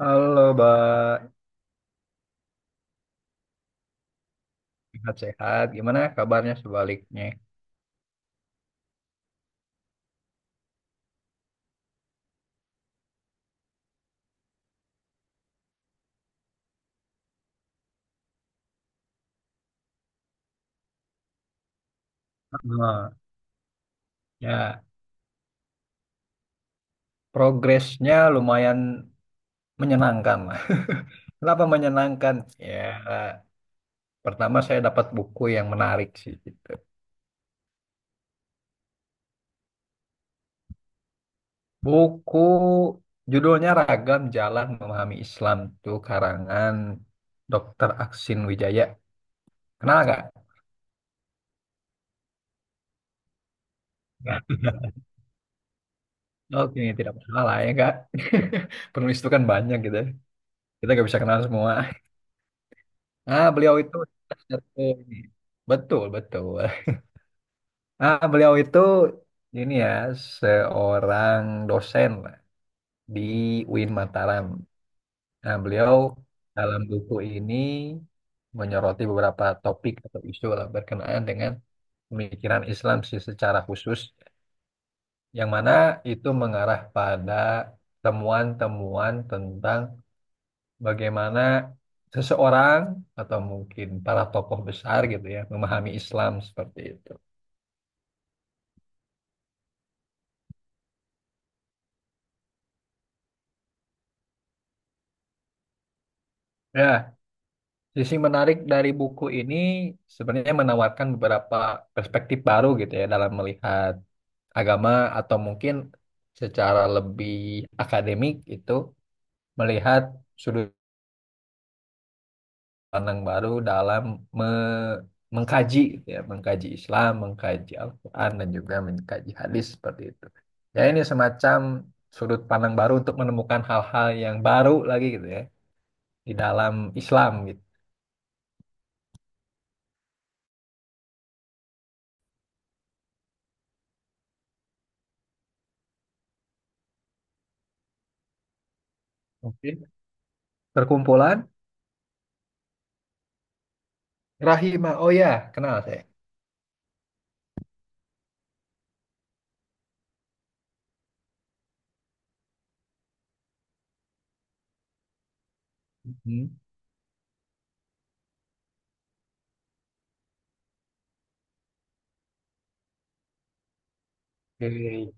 Halo, Mbak. Sehat-sehat. Gimana kabarnya sebaliknya? Ah, ya, Progresnya lumayan menyenangkan lah. Kenapa menyenangkan? Ya, Pertama saya dapat buku yang menarik sih gitu. Buku judulnya Ragam Jalan Memahami Islam, itu karangan Dokter Aksin Wijaya. Kenal nggak? Nggak. Oke, tidak masalah ya, Kak. Penulis itu kan banyak gitu. Ya, kita nggak bisa kenal semua. Ah, beliau itu satu ini. Betul betul. Ah, beliau itu ini ya, seorang dosen lah di UIN Mataram. Nah, beliau dalam buku ini menyoroti beberapa topik atau isu lah berkenaan dengan pemikiran Islam sih secara khusus, yang mana itu mengarah pada temuan-temuan tentang bagaimana seseorang atau mungkin para tokoh besar gitu ya memahami Islam seperti itu. Ya, sisi menarik dari buku ini sebenarnya menawarkan beberapa perspektif baru gitu ya dalam melihat agama atau mungkin secara lebih akademik itu melihat sudut pandang baru dalam me- mengkaji gitu ya, mengkaji Islam, mengkaji Al-Quran dan juga mengkaji hadis seperti itu. Ya ini semacam sudut pandang baru untuk menemukan hal-hal yang baru lagi gitu ya di dalam Islam gitu. Oke. Perkumpulan Rahima, oh ya, kenal saya. Hmm. Hmm.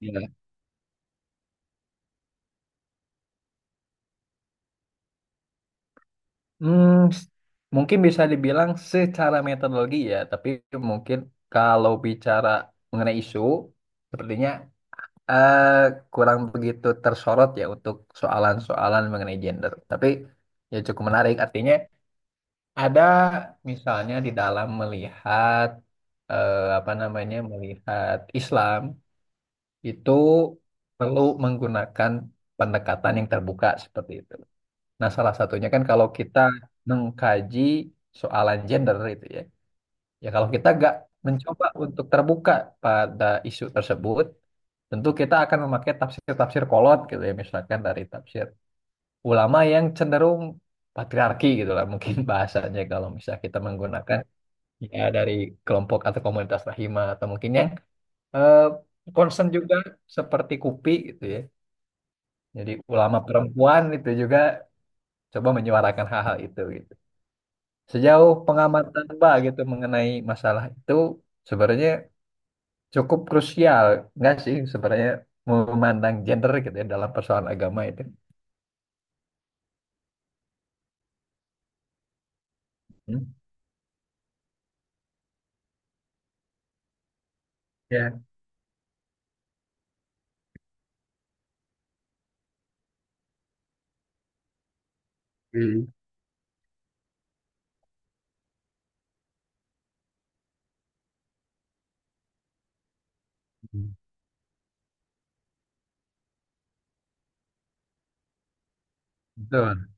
Iya. Hmm, s- Mungkin bisa dibilang secara metodologi ya, tapi mungkin kalau bicara mengenai isu, sepertinya eh, kurang begitu tersorot ya untuk soalan-soalan mengenai gender. Tapi ya cukup menarik, artinya ada misalnya di dalam melihat apa namanya, melihat Islam itu perlu menggunakan pendekatan yang terbuka seperti itu. Nah, salah satunya kan kalau kita mengkaji soalan gender itu ya. Ya kalau kita nggak mencoba untuk terbuka pada isu tersebut, tentu kita akan memakai tafsir-tafsir kolot gitu ya, misalkan dari tafsir ulama yang cenderung patriarki gitu lah mungkin bahasanya, kalau misalnya kita menggunakan ya dari kelompok atau komunitas rahimah atau mungkin yang eh, concern juga seperti KUPI gitu ya. Jadi ulama perempuan itu juga coba menyuarakan hal-hal itu gitu. Sejauh pengamatan Mbak gitu mengenai masalah itu, sebenarnya cukup krusial nggak sih sebenarnya memandang gender gitu ya dalam persoalan agama itu. Hmm. Ya. Hmm. Hmm. Betul.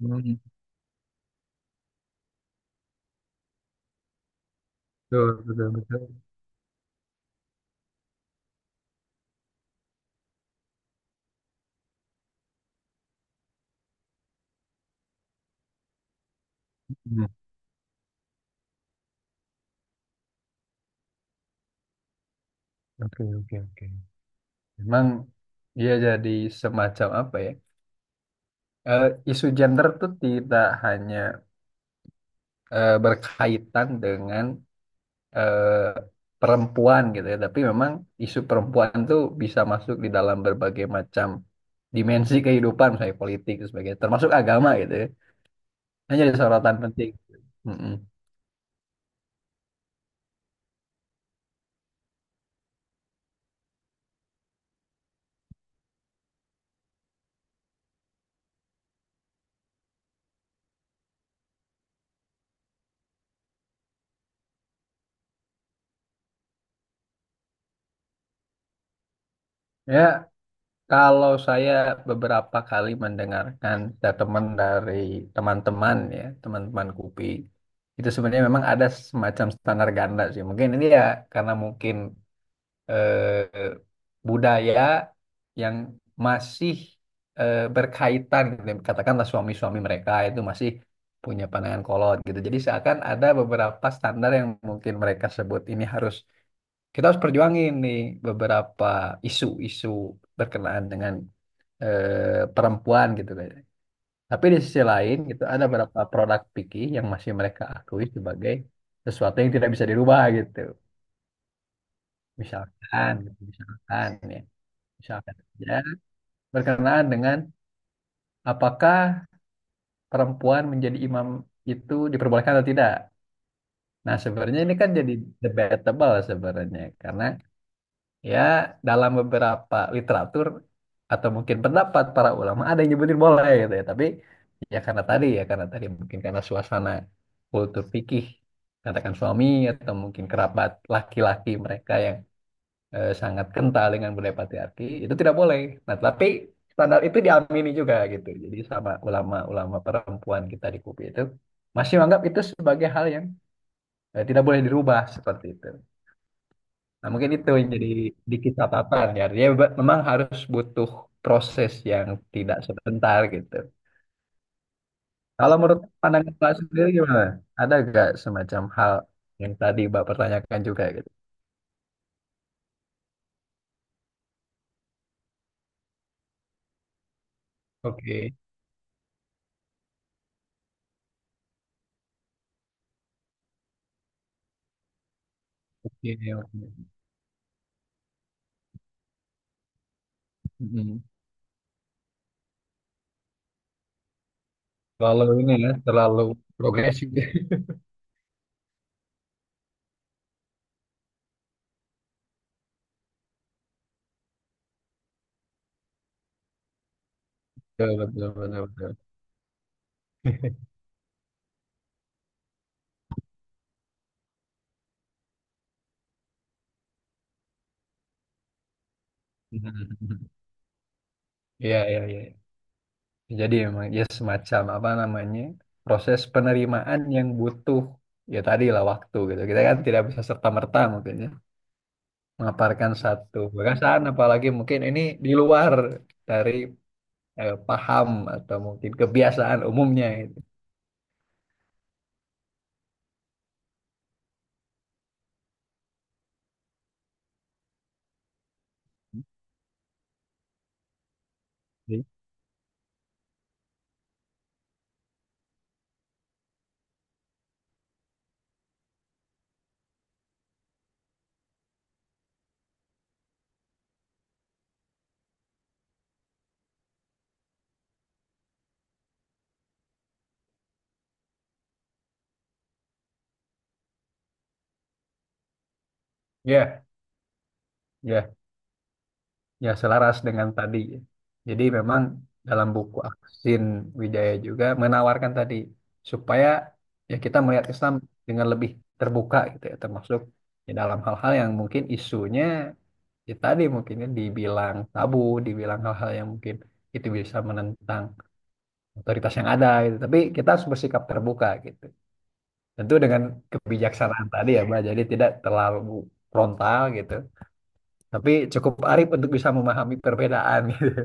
Hmm. Betul, betul, betul. Hmm. Oke, oke, oke. Memang dia jadi semacam apa ya? Eh, Isu gender tuh tidak hanya berkaitan dengan eh, perempuan gitu ya. Tapi memang isu perempuan tuh bisa masuk di dalam berbagai macam dimensi kehidupan, misalnya politik dan sebagainya, termasuk agama gitu ya. Hanya jadi sorotan penting. Mm-mm. Ya, kalau saya beberapa kali mendengarkan dari teman-teman ya, teman-teman kupi, itu sebenarnya memang ada semacam standar ganda sih. Mungkin ini ya karena mungkin eh, budaya yang masih berkaitan, gitu. Katakanlah suami-suami mereka itu masih punya pandangan kolot gitu. Jadi seakan ada beberapa standar yang mungkin mereka sebut ini harus, kita harus perjuangin nih beberapa isu-isu berkenaan dengan perempuan gitu, kan. Tapi di sisi lain gitu ada beberapa produk fikih yang masih mereka akui sebagai sesuatu yang tidak bisa dirubah gitu. Misalkan, misalkan ya. Misalkan ya, berkenaan dengan apakah perempuan menjadi imam itu diperbolehkan atau tidak. Nah, sebenarnya ini kan jadi debatable sebenarnya karena ya dalam beberapa literatur atau mungkin pendapat para ulama ada yang nyebutin boleh gitu ya, tapi ya karena tadi, ya karena tadi mungkin karena suasana kultur fikih, katakan suami atau mungkin kerabat laki-laki mereka yang sangat kental dengan budaya patriarki itu tidak boleh. Nah, tapi standar itu diamini juga gitu. Jadi sama ulama-ulama perempuan kita di KUPI itu masih menganggap itu sebagai hal yang tidak boleh dirubah seperti itu. Nah, mungkin itu yang jadi dikit catatan ya. Dia memang harus butuh proses yang tidak sebentar gitu. Kalau menurut pandangan Mbak sendiri gimana? Ada nggak semacam hal yang tadi Mbak pertanyakan juga gitu? Oke, oke, oke. Mm-mm. Terlalu ini ya, terlalu progresif. Betul, betul, betul, betul. Iya, iya, iya. Jadi emang ya semacam apa namanya, proses penerimaan yang butuh ya tadi lah, waktu gitu. Kita kan tidak bisa serta-merta mungkin ya memaparkan satu perasaan, apalagi mungkin ini di luar dari paham atau mungkin kebiasaan umumnya gitu. Iya, iya. Ya, selaras dengan tadi. Jadi memang dalam buku Aksin Wijaya juga menawarkan tadi supaya ya kita melihat Islam dengan lebih terbuka gitu ya, termasuk di dalam hal-hal yang mungkin isunya ya tadi mungkinnya dibilang tabu, dibilang hal-hal yang mungkin itu bisa menentang otoritas yang ada gitu. Tapi kita harus bersikap terbuka gitu. Tentu dengan kebijaksanaan tadi ya, Mbak. Jadi tidak terlalu frontal gitu. Tapi cukup arif untuk bisa memahami perbedaan gitu.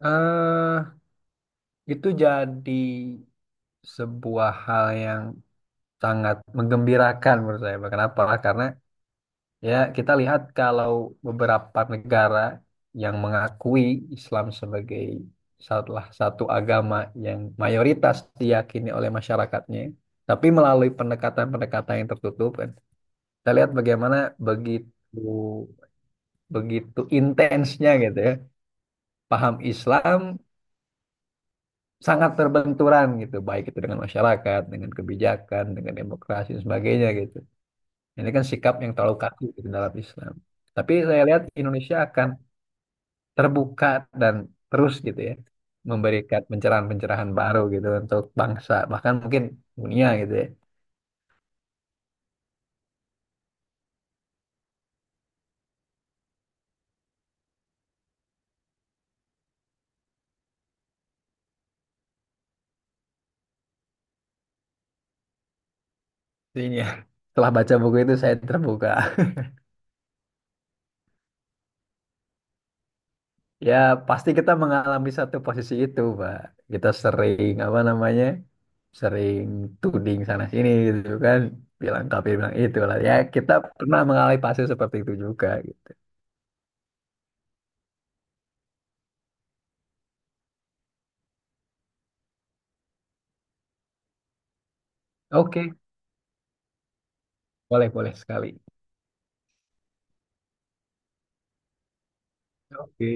eh itu jadi sebuah hal yang sangat menggembirakan menurut saya. Kenapa? Karena ya kita lihat kalau beberapa negara yang mengakui Islam sebagai salah satu agama yang mayoritas diyakini oleh masyarakatnya, tapi melalui pendekatan-pendekatan yang tertutup kan. Kita lihat bagaimana begitu begitu intensnya gitu ya. Paham Islam sangat terbenturan gitu, baik itu dengan masyarakat, dengan kebijakan, dengan demokrasi dan sebagainya gitu. Ini kan sikap yang terlalu kaku gitu dalam Islam. Tapi saya lihat Indonesia akan terbuka dan terus gitu ya memberikan pencerahan-pencerahan baru gitu untuk bangsa, bahkan mungkin dunia gitu ya. Jadi ya, setelah baca buku itu saya terbuka. Ya, pasti kita mengalami satu posisi itu, Pak. Kita sering, apa namanya, sering tuding sana-sini gitu kan. Bilang tapi bilang itu lah. Ya, kita pernah mengalami fase seperti itu juga gitu. Oke, boleh-boleh sekali. Oke.